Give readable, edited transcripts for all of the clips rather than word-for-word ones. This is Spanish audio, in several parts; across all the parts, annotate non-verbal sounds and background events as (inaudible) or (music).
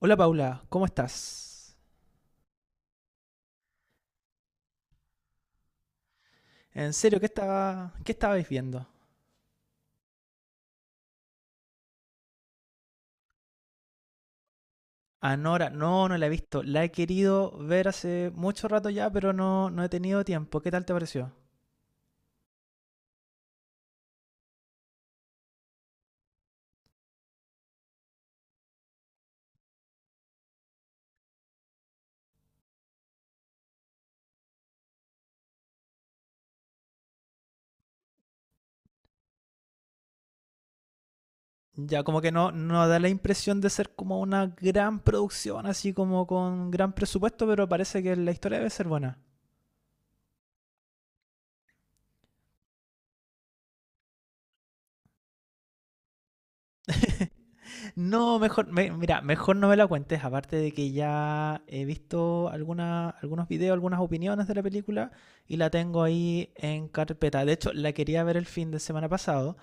Hola Paula, ¿cómo estás? En serio, qué estabais viendo? Anora, no, no la he visto. La he querido ver hace mucho rato ya, pero no he tenido tiempo. ¿Qué tal te pareció? Ya, como que no da la impresión de ser como una gran producción, así como con gran presupuesto, pero parece que la historia debe ser buena. No, mejor, mira, mejor no me la cuentes, aparte de que ya he visto algunos videos, algunas opiniones de la película y la tengo ahí en carpeta. De hecho, la quería ver el fin de semana pasado.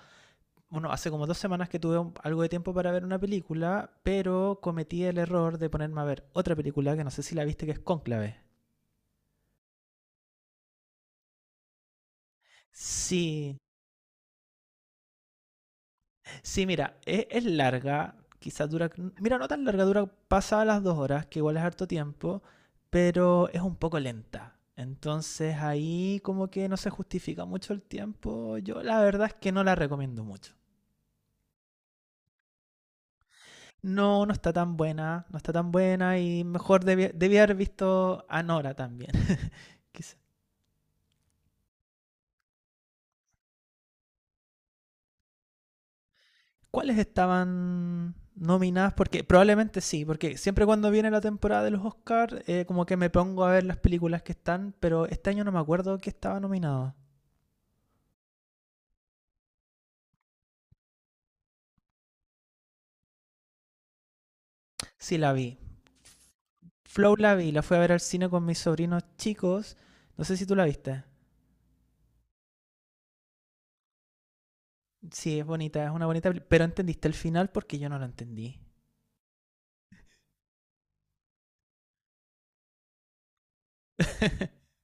Bueno, hace como 2 semanas que tuve algo de tiempo para ver una película, pero cometí el error de ponerme a ver otra película que no sé si la viste, que es Cónclave. Sí, sí, mira, es larga, quizás dura, mira, no tan larga, dura pasada las 2 horas, que igual es harto tiempo, pero es un poco lenta. Entonces ahí como que no se justifica mucho el tiempo. Yo la verdad es que no la recomiendo mucho. No, no está tan buena, no está tan buena y mejor debía haber visto Anora también, (laughs) quizás. ¿Cuáles estaban nominadas? Porque probablemente sí, porque siempre cuando viene la temporada de los Oscars, como que me pongo a ver las películas que están, pero este año no me acuerdo que estaba nominada. Sí, la vi. Flow la vi, la fui a ver al cine con mis sobrinos chicos. No sé si tú la viste. Sí, es bonita, es una bonita pero entendiste el final porque yo no lo entendí. (laughs)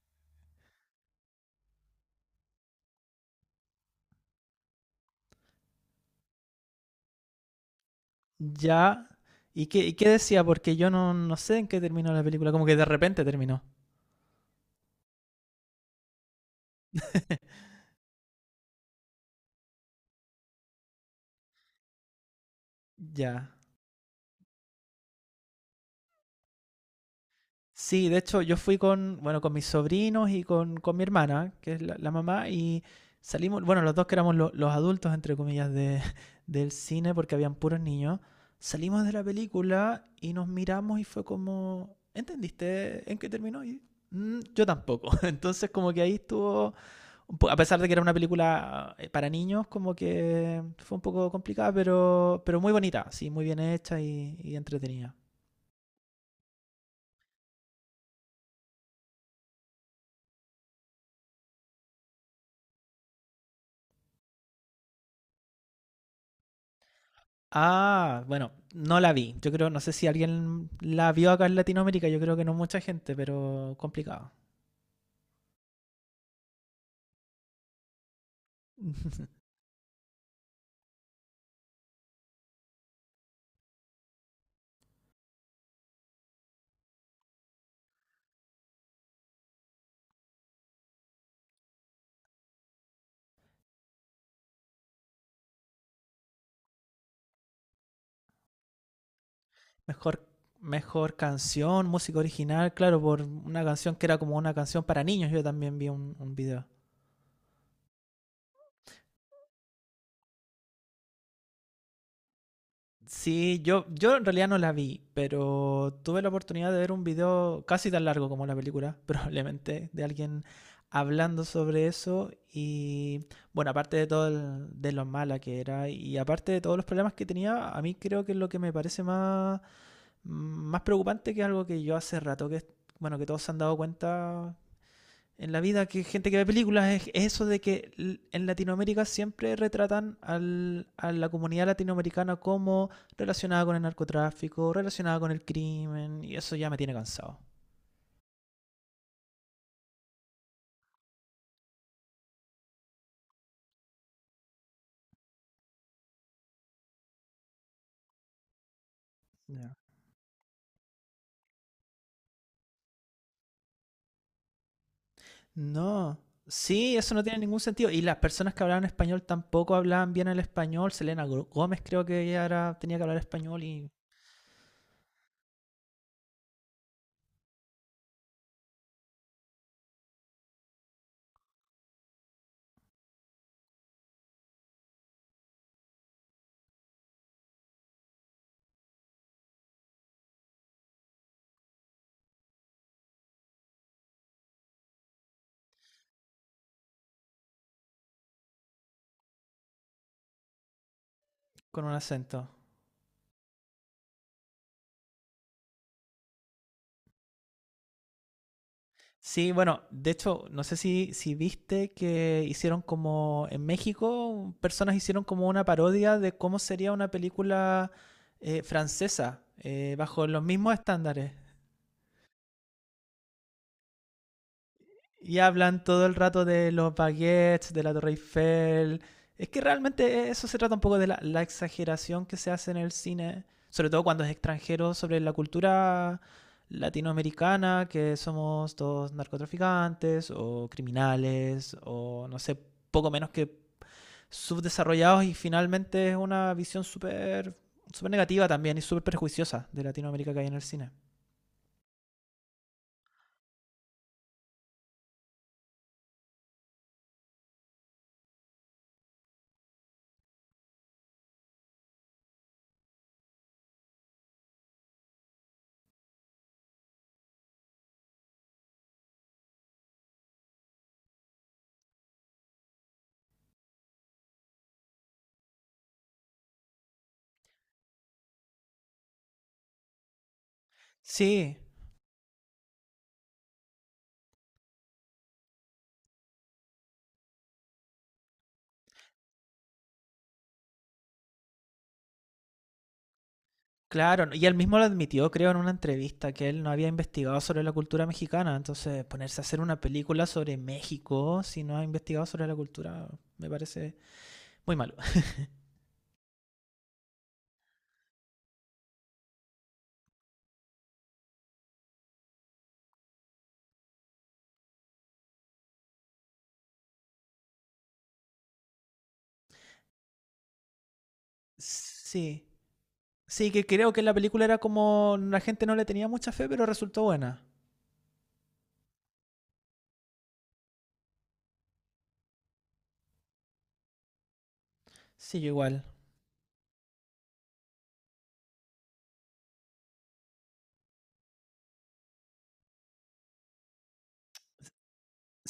Ya. ¿Y qué decía? Porque yo no sé en qué terminó la película, como que de repente terminó. (laughs) Ya. Sí, de hecho yo fui con, bueno, con mis sobrinos y con mi hermana, que es la mamá, y salimos, bueno, los dos que éramos los adultos, entre comillas, de, (laughs) del cine, porque habían puros niños, salimos de la película y nos miramos y fue como, ¿entendiste en qué terminó? Y, "Mm, yo tampoco. (laughs) Entonces como que ahí estuvo, a pesar de que era una película para niños, como que fue un poco complicada, pero muy bonita, sí, muy bien hecha y entretenida. Ah, bueno, no la vi. Yo creo, no sé si alguien la vio acá en Latinoamérica, yo creo que no mucha gente, pero complicado. (laughs) Mejor, mejor canción, música original, claro, por una canción que era como una canción para niños, yo también vi un video. Sí, yo en realidad no la vi, pero tuve la oportunidad de ver un video casi tan largo como la película, (laughs) probablemente, de alguien hablando sobre eso y bueno, aparte de todo de lo mala que era y aparte de todos los problemas que tenía, a mí creo que lo que me parece más preocupante que es algo que yo hace rato que, bueno, que todos se han dado cuenta en la vida que gente que ve películas es eso de que en Latinoamérica siempre retratan a la comunidad latinoamericana como relacionada con el narcotráfico, relacionada con el crimen, y eso ya me tiene cansado. Ya. No, sí, eso no tiene ningún sentido. Y las personas que hablaban español tampoco hablaban bien el español. Selena Gómez creo que ella era, tenía que hablar español y con un acento. Sí, bueno, de hecho, no sé si viste que hicieron como en México, personas hicieron como una parodia de cómo sería una película francesa, bajo los mismos estándares. Y hablan todo el rato de los baguettes, de la Torre Eiffel. Es que realmente eso se trata un poco de la exageración que se hace en el cine, sobre todo cuando es extranjero, sobre la cultura latinoamericana, que somos todos narcotraficantes o criminales o no sé, poco menos que subdesarrollados y finalmente es una visión súper súper negativa también y súper perjuiciosa de Latinoamérica que hay en el cine. Sí, claro, ¿no? Y él mismo lo admitió, creo, en una entrevista, que él no había investigado sobre la cultura mexicana. Entonces, ponerse a hacer una película sobre México si no ha investigado sobre la cultura me parece muy malo. (laughs) Sí, sí, que creo que la película era como la gente no le tenía mucha fe, pero resultó buena. Sí, yo igual.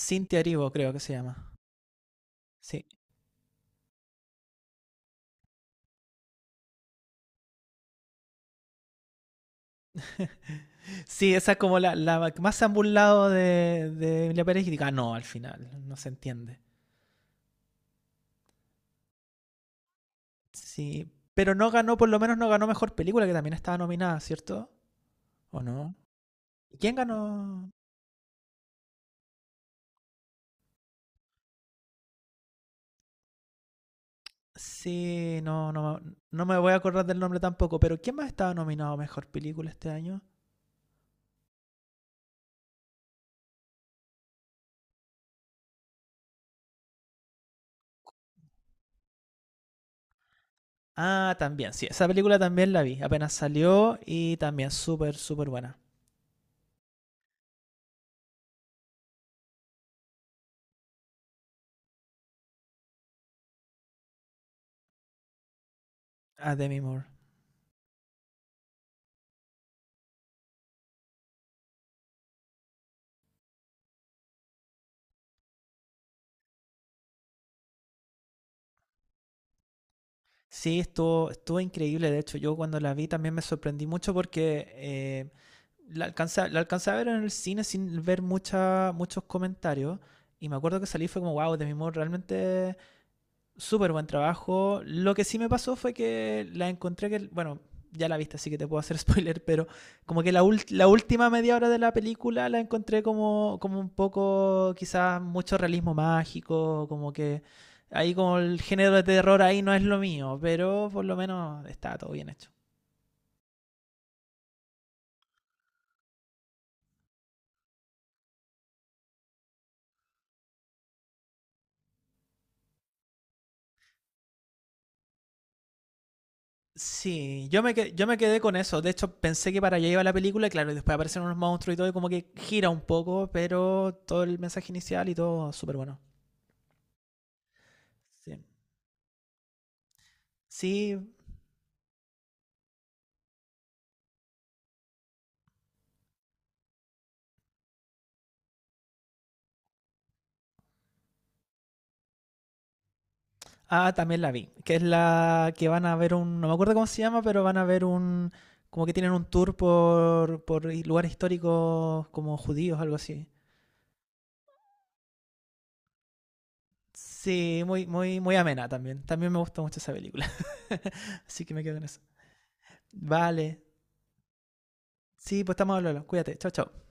Cintia Erivo, creo que se llama. Sí, sí, esa es como la más ambulado de Emilia Pérez y diga, "Ah, no, al final, no se entiende." Sí, pero no ganó, por lo menos no ganó mejor película, que también estaba nominada, ¿cierto? ¿O no? ¿Quién ganó? Sí, no, no, no me voy a acordar del nombre tampoco, pero ¿quién más estaba nominado a mejor película este año? Ah, también, sí, esa película también la vi, apenas salió y también súper, súper buena. A Demi Moore. Sí, estuvo increíble, de hecho, yo cuando la vi también me sorprendí mucho porque la alcancé a ver en el cine sin ver muchos comentarios. Y me acuerdo que salí fue como, wow, de mi modo realmente súper buen trabajo. Lo que sí me pasó fue que la encontré que, bueno, ya la viste, así que te puedo hacer (laughs) spoiler, pero como que la última media hora de la película la encontré como un poco, quizás mucho realismo mágico, como que ahí como el género de terror ahí no es lo mío, pero por lo menos está todo bien hecho. Sí, yo me quedé con eso. De hecho, pensé que para allá iba la película, y claro, y después aparecen unos monstruos y todo, y como que gira un poco, pero todo el mensaje inicial y todo súper bueno. Sí. Sí, ah, también la vi, que es la que van a ver un, no me acuerdo cómo se llama, pero van a ver un, como que tienen un tour por lugares históricos como judíos, algo así. Sí, muy, muy, muy amena también. También me gusta mucho esa película, (laughs) así que me quedo con eso. Vale, sí, pues estamos hablando. Cuídate, chao, chao.